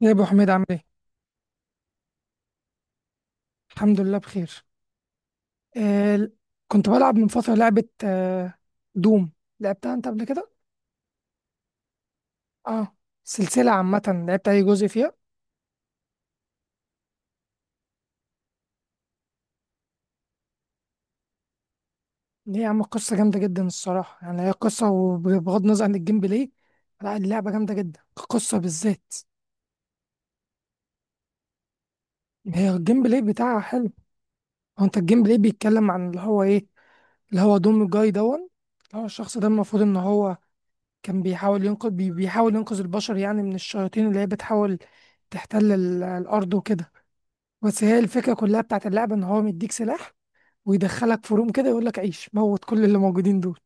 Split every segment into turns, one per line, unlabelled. يا ابو حميد عامل ايه؟ الحمد لله بخير. آه كنت بلعب من فتره لعبه، دوم. لعبتها انت قبل كده؟ اه، سلسله عامه. لعبت اي جزء فيها؟ ليه يا عم؟ قصه جامده جدا الصراحه، يعني هي قصه، وبغض النظر عن الجيم بلاي، لا، اللعبه جامده جدا، القصه بالذات. هي الجيم بلاي بتاعها حلو. هو انت الجيم بلاي بيتكلم عن اللي هو ايه؟ اللي هو دوم جاي دون، اللي هو الشخص ده المفروض ان هو كان بيحاول ينقذ بيحاول ينقذ البشر يعني من الشياطين اللي هي بتحاول تحتل الأرض وكده. بس هي الفكرة كلها بتاعت اللعبة إن هو مديك سلاح، ويدخلك في روم كده يقول لك عيش، موت كل اللي موجودين دول.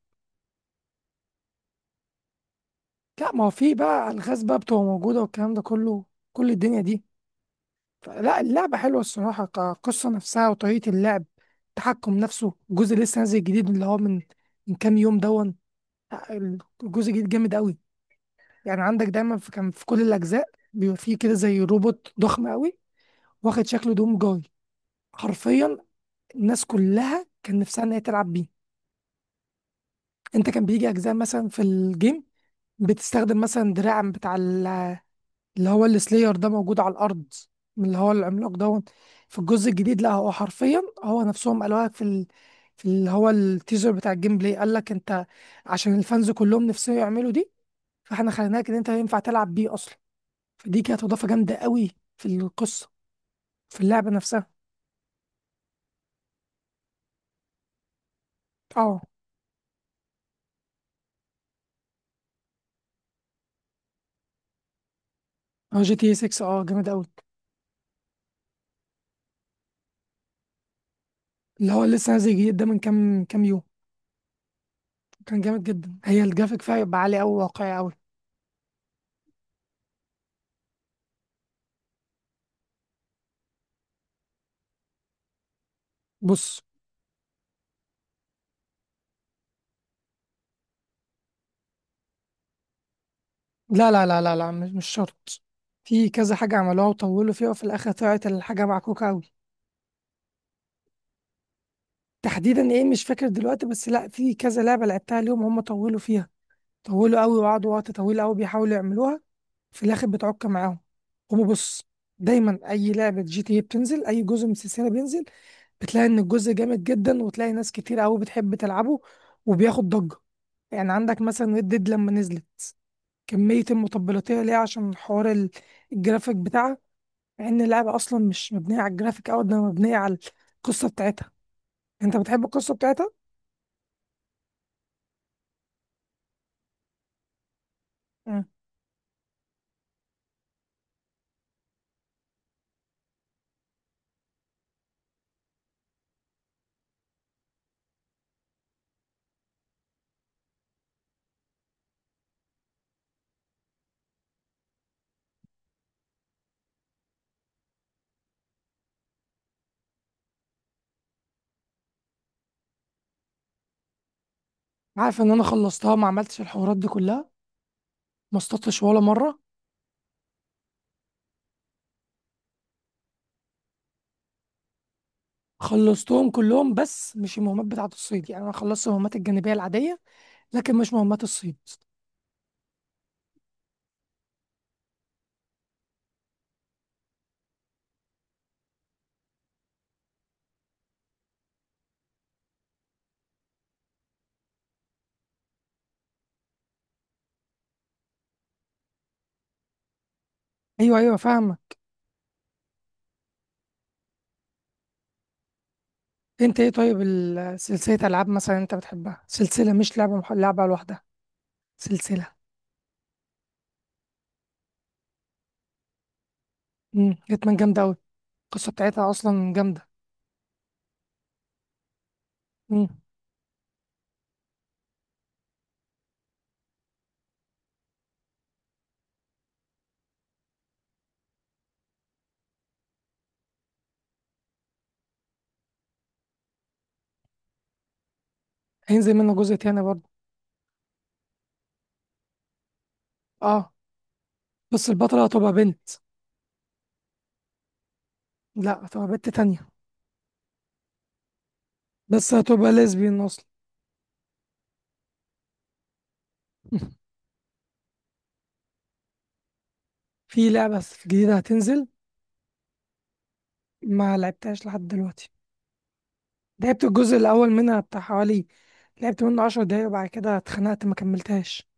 لا، ما هو في بقى ألغاز بقى بتبقى موجودة والكلام ده كله، كل الدنيا دي. لا، اللعبة حلوة الصراحة كقصة نفسها وطريقة اللعب، التحكم نفسه. الجزء لسه نازل جديد اللي هو من من كام يوم دون. لا، الجزء الجديد جامد أوي. يعني عندك دايما، في كان في كل الاجزاء بيبقى فيه كده زي روبوت ضخم قوي واخد شكل دوم جاي حرفيا. الناس كلها كان نفسها ان هي تلعب بيه. انت كان بيجي اجزاء مثلا في الجيم بتستخدم مثلا دراع بتاع اللي هو السلاير ده موجود على الارض، من اللي هو العملاق دوت. في الجزء الجديد لا، هو حرفيا هو نفسهم قالوها في في اللي هو التيزر بتاع الجيم بلاي قال لك انت، عشان الفانز كلهم نفسهم يعملوا دي، فاحنا خليناك ان انت ينفع تلعب بيه اصلا. فدي كانت اضافه جامده قوي في القصه، في اللعبه نفسها. اه. اه، جي تي 6، اه جامد قوي. اللي هو لسه نازل جديد ده من كام يوم، كان جامد جدا. هي الجرافيك فيها يبقى عالي قوي، واقعي قوي. بص، لا، لا، لا، لا، لا، مش شرط. في كذا حاجه عملوها وطولوا فيها وفي الاخر طلعت الحاجه معكوكه قوي. تحديدا ايه مش فاكر دلوقتي، بس لا، في كذا لعبه لعبتها اليوم هم طولوا فيها، طولوا قوي وقعدوا وقت طويل قوي بيحاولوا يعملوها، في الاخر بتعك معاهم. هما بص، دايما اي لعبه جي تي إيه بتنزل، اي جزء من السلسله بينزل بتلاقي ان الجزء جامد جدا، وتلاقي ناس كتير قوي بتحب تلعبه، وبياخد ضجه. يعني عندك مثلا ريد ديد لما نزلت، كميه المطبلاتيه ليها عشان حوار الجرافيك بتاعها، مع ان اللعبه اصلا مش مبنيه على الجرافيك قوي ده، مبنيه على القصه بتاعتها. انت بتحب القصه بتاعتها. مم. عارف ان انا خلصتها ما عملتش الحوارات دي كلها، ما اصطدتش ولا مره. خلصتهم كلهم بس مش المهمات بتاعة الصيد، يعني انا خلصت المهمات الجانبية العادية لكن مش مهمات الصيد. ايوه، ايوه، فاهمة. انت ايه طيب سلسلة العاب مثلا انت بتحبها، سلسلة مش لعبة، لعبة لوحدها، سلسلة. امم، جتمان جامدة قوي، القصة بتاعتها اصلا جامدة. امم. هينزل منها جزء تاني برضه. اه، بس البطلة هتبقى بنت. لا، هتبقى بنت تانية. بس هتبقى ليزبيان اصلا. في لعبة جديدة هتنزل، ما لعبتهاش لحد دلوقتي. لعبت الجزء الأول منها بتاع حوالي، لعبت منه عشر دقايق وبعد كده اتخنقت ما كملتهاش.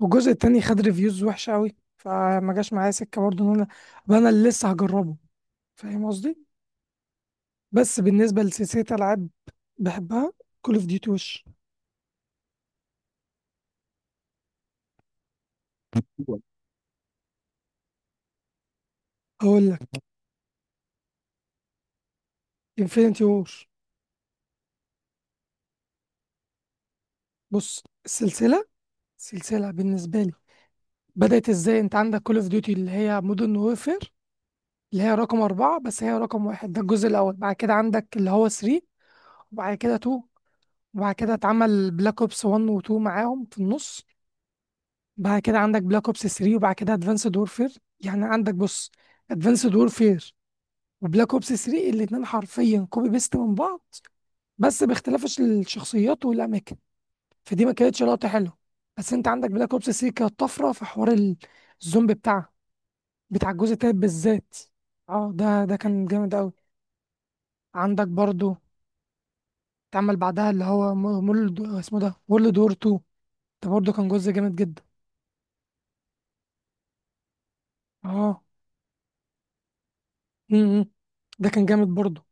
والجزء التاني خد ريفيوز وحشة أوي، فما جاش معايا سكة برضه إن أنا أبقى أنا اللي لسه هجربه. فاهم قصدي؟ بس بالنسبة لسلسلة ألعاب بحبها، كول أوف ديوتي، وش أقول لك. انفينيتي وور. بص، السلسلة، سلسلة بالنسبة لي بدأت إزاي؟ أنت عندك كول أوف ديوتي اللي هي مودرن وورفير، اللي هي رقم أربعة بس هي رقم واحد، ده الجزء الأول. بعد كده عندك اللي هو 3، وبعد كده 2، وبعد كده اتعمل بلاك اوبس 1 و 2 معاهم في النص. بعد كده عندك بلاك اوبس 3، وبعد كده ادفانسد وورفير. يعني عندك، بص، ادفانسد وورفير وبلاك اوبس 3، الاتنين حرفيا كوبي بيست من بعض، بس باختلاف الشخصيات والاماكن، فدي ما كانتش لقطه حلوه. بس انت عندك بلاك اوبس 3 كانت طفره في حوار الزومبي بتاعها، بتاع الجزء التالت بالذات. اه، ده كان جامد قوي. عندك برضو اتعمل بعدها اللي هو مول اسمه ده وورلد وور 2، ده برضو كان جزء جامد جدا. اه. امم. ده كان جامد برضه.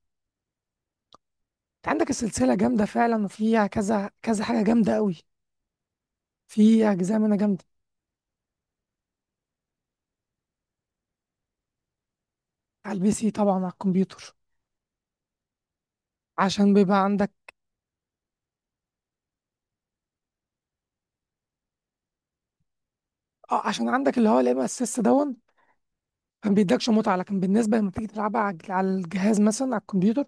انت عندك السلسله جامده فعلا، وفيها كذا كذا حاجه جامده قوي، في اجزاء منها جامده. على البي سي طبعا، على الكمبيوتر. عشان بيبقى عندك، اه، عشان عندك اللي هو الام اس اس دون ما بيدكش متعه. لكن بالنسبه لما تيجي تلعبها على على الجهاز مثلا، على الكمبيوتر،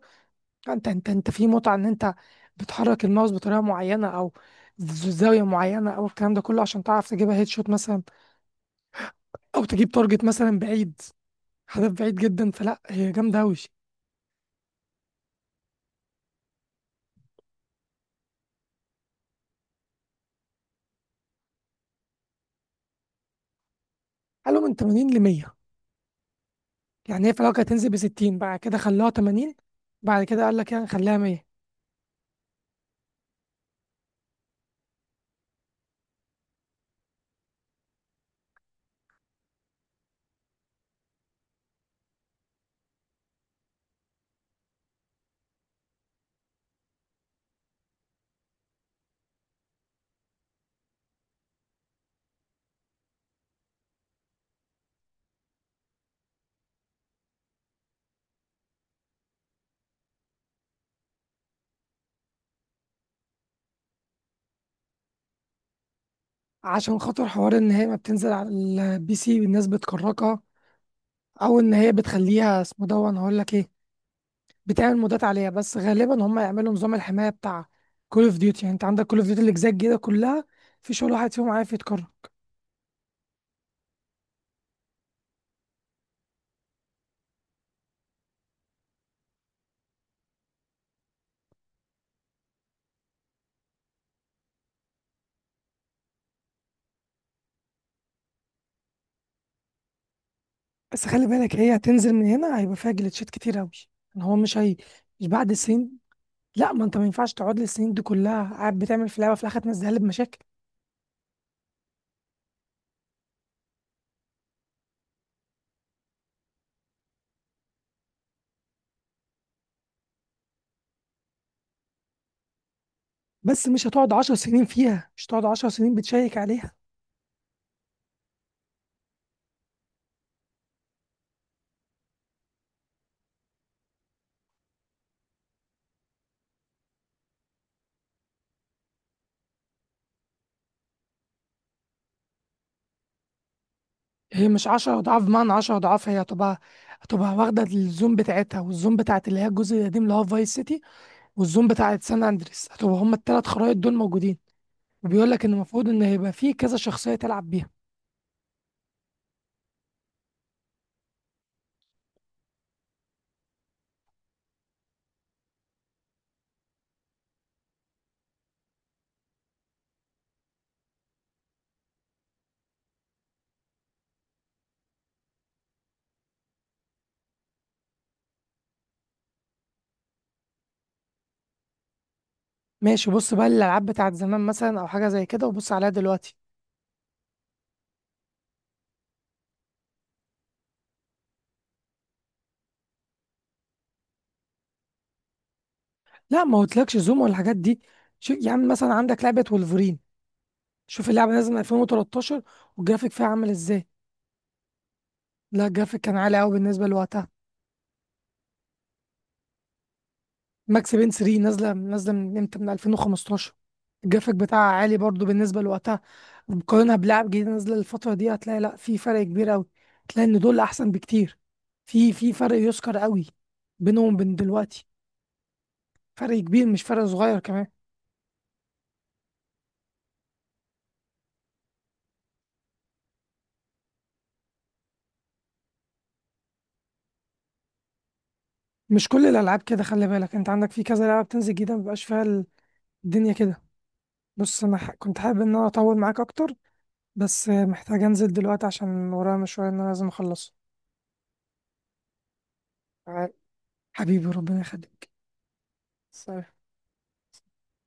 انت في متعه ان انت بتحرك الماوس بطريقه معينه، او زاويه معينه، او الكلام ده كله عشان تعرف تجيبها هيد شوت مثلا، او تجيب تارجت مثلا بعيد، هدف بعيد جدا. فلا، هي جامده قوي. قالوا من 80 ل 100. يعني هي في الاول كانت هتنزل ب 60، بعد كده خلوها 80، بعد كده قال لك يعني خليها 100. عشان خاطر حوار ان هي ما بتنزل على البي سي والناس بتكركها، او ان هي بتخليها اسمه ده، انا هقول لك ايه، بتعمل مودات عليها. بس غالبا هم يعملوا نظام الحمايه بتاع كول اوف ديوتي. يعني انت عندك كول اوف ديوتي الاجزاء الجديده كلها في شغل واحد فيهم عارف يتكرر. بس خلي بالك هي هتنزل من هنا هيبقى فيها جليتشات كتير قوي. يعني هو مش هي، مش بعد السنين. لا، ما انت ما ينفعش تقعد للسنين دي كلها قاعد بتعمل في لعبه في الاخر تنزلها لي بمشاكل. بس مش هتقعد عشر سنين فيها، مش هتقعد عشر سنين بتشيك عليها. هي مش عشر أضعاف بمعنى عشر أضعاف، هي هتبقى، هتبقى واخدة الزوم بتاعتها، والزوم بتاعت اللي هي الجزء القديم اللي هو فايس سيتي، والزوم بتاعت سان أندريس، هتبقى هما التلات خرايط دول موجودين. وبيقول لك إن المفروض إن هيبقى فيه كذا شخصية تلعب بيها. ماشي. بص بقى، الألعاب بتاعت زمان مثلا أو حاجة زي كده وبص عليها دلوقتي. لا، ما قلتلكش زوم ولا الحاجات دي. شو يعني؟ مثلا عندك لعبة وولفرين، شوف اللعبة نازلة من 2013، والجرافيك فيها عامل ازاي؟ لا، الجرافيك كان عالي قوي بالنسبة لوقتها. ماكس بين 3 نازله من امتى؟ من 2015. الجرافيك بتاعها عالي برضو بالنسبه لوقتها. مقارنه بلعب جديد نازله الفتره دي هتلاقي، لا، في فرق كبير قوي، هتلاقي ان دول احسن بكتير. في فرق يذكر قوي بينهم وبين دلوقتي، فرق كبير مش فرق صغير كمان. مش كل الالعاب كده خلي بالك، انت عندك في كذا لعبه بتنزل جديده مبيبقاش فيها الدنيا كده. بص، انا كنت حابب ان انا اطول معاك اكتر بس محتاج انزل دلوقتي عشان ورايا مشوار ان انا لازم اخلصه. ع- حبيبي ربنا يخليك. سلام.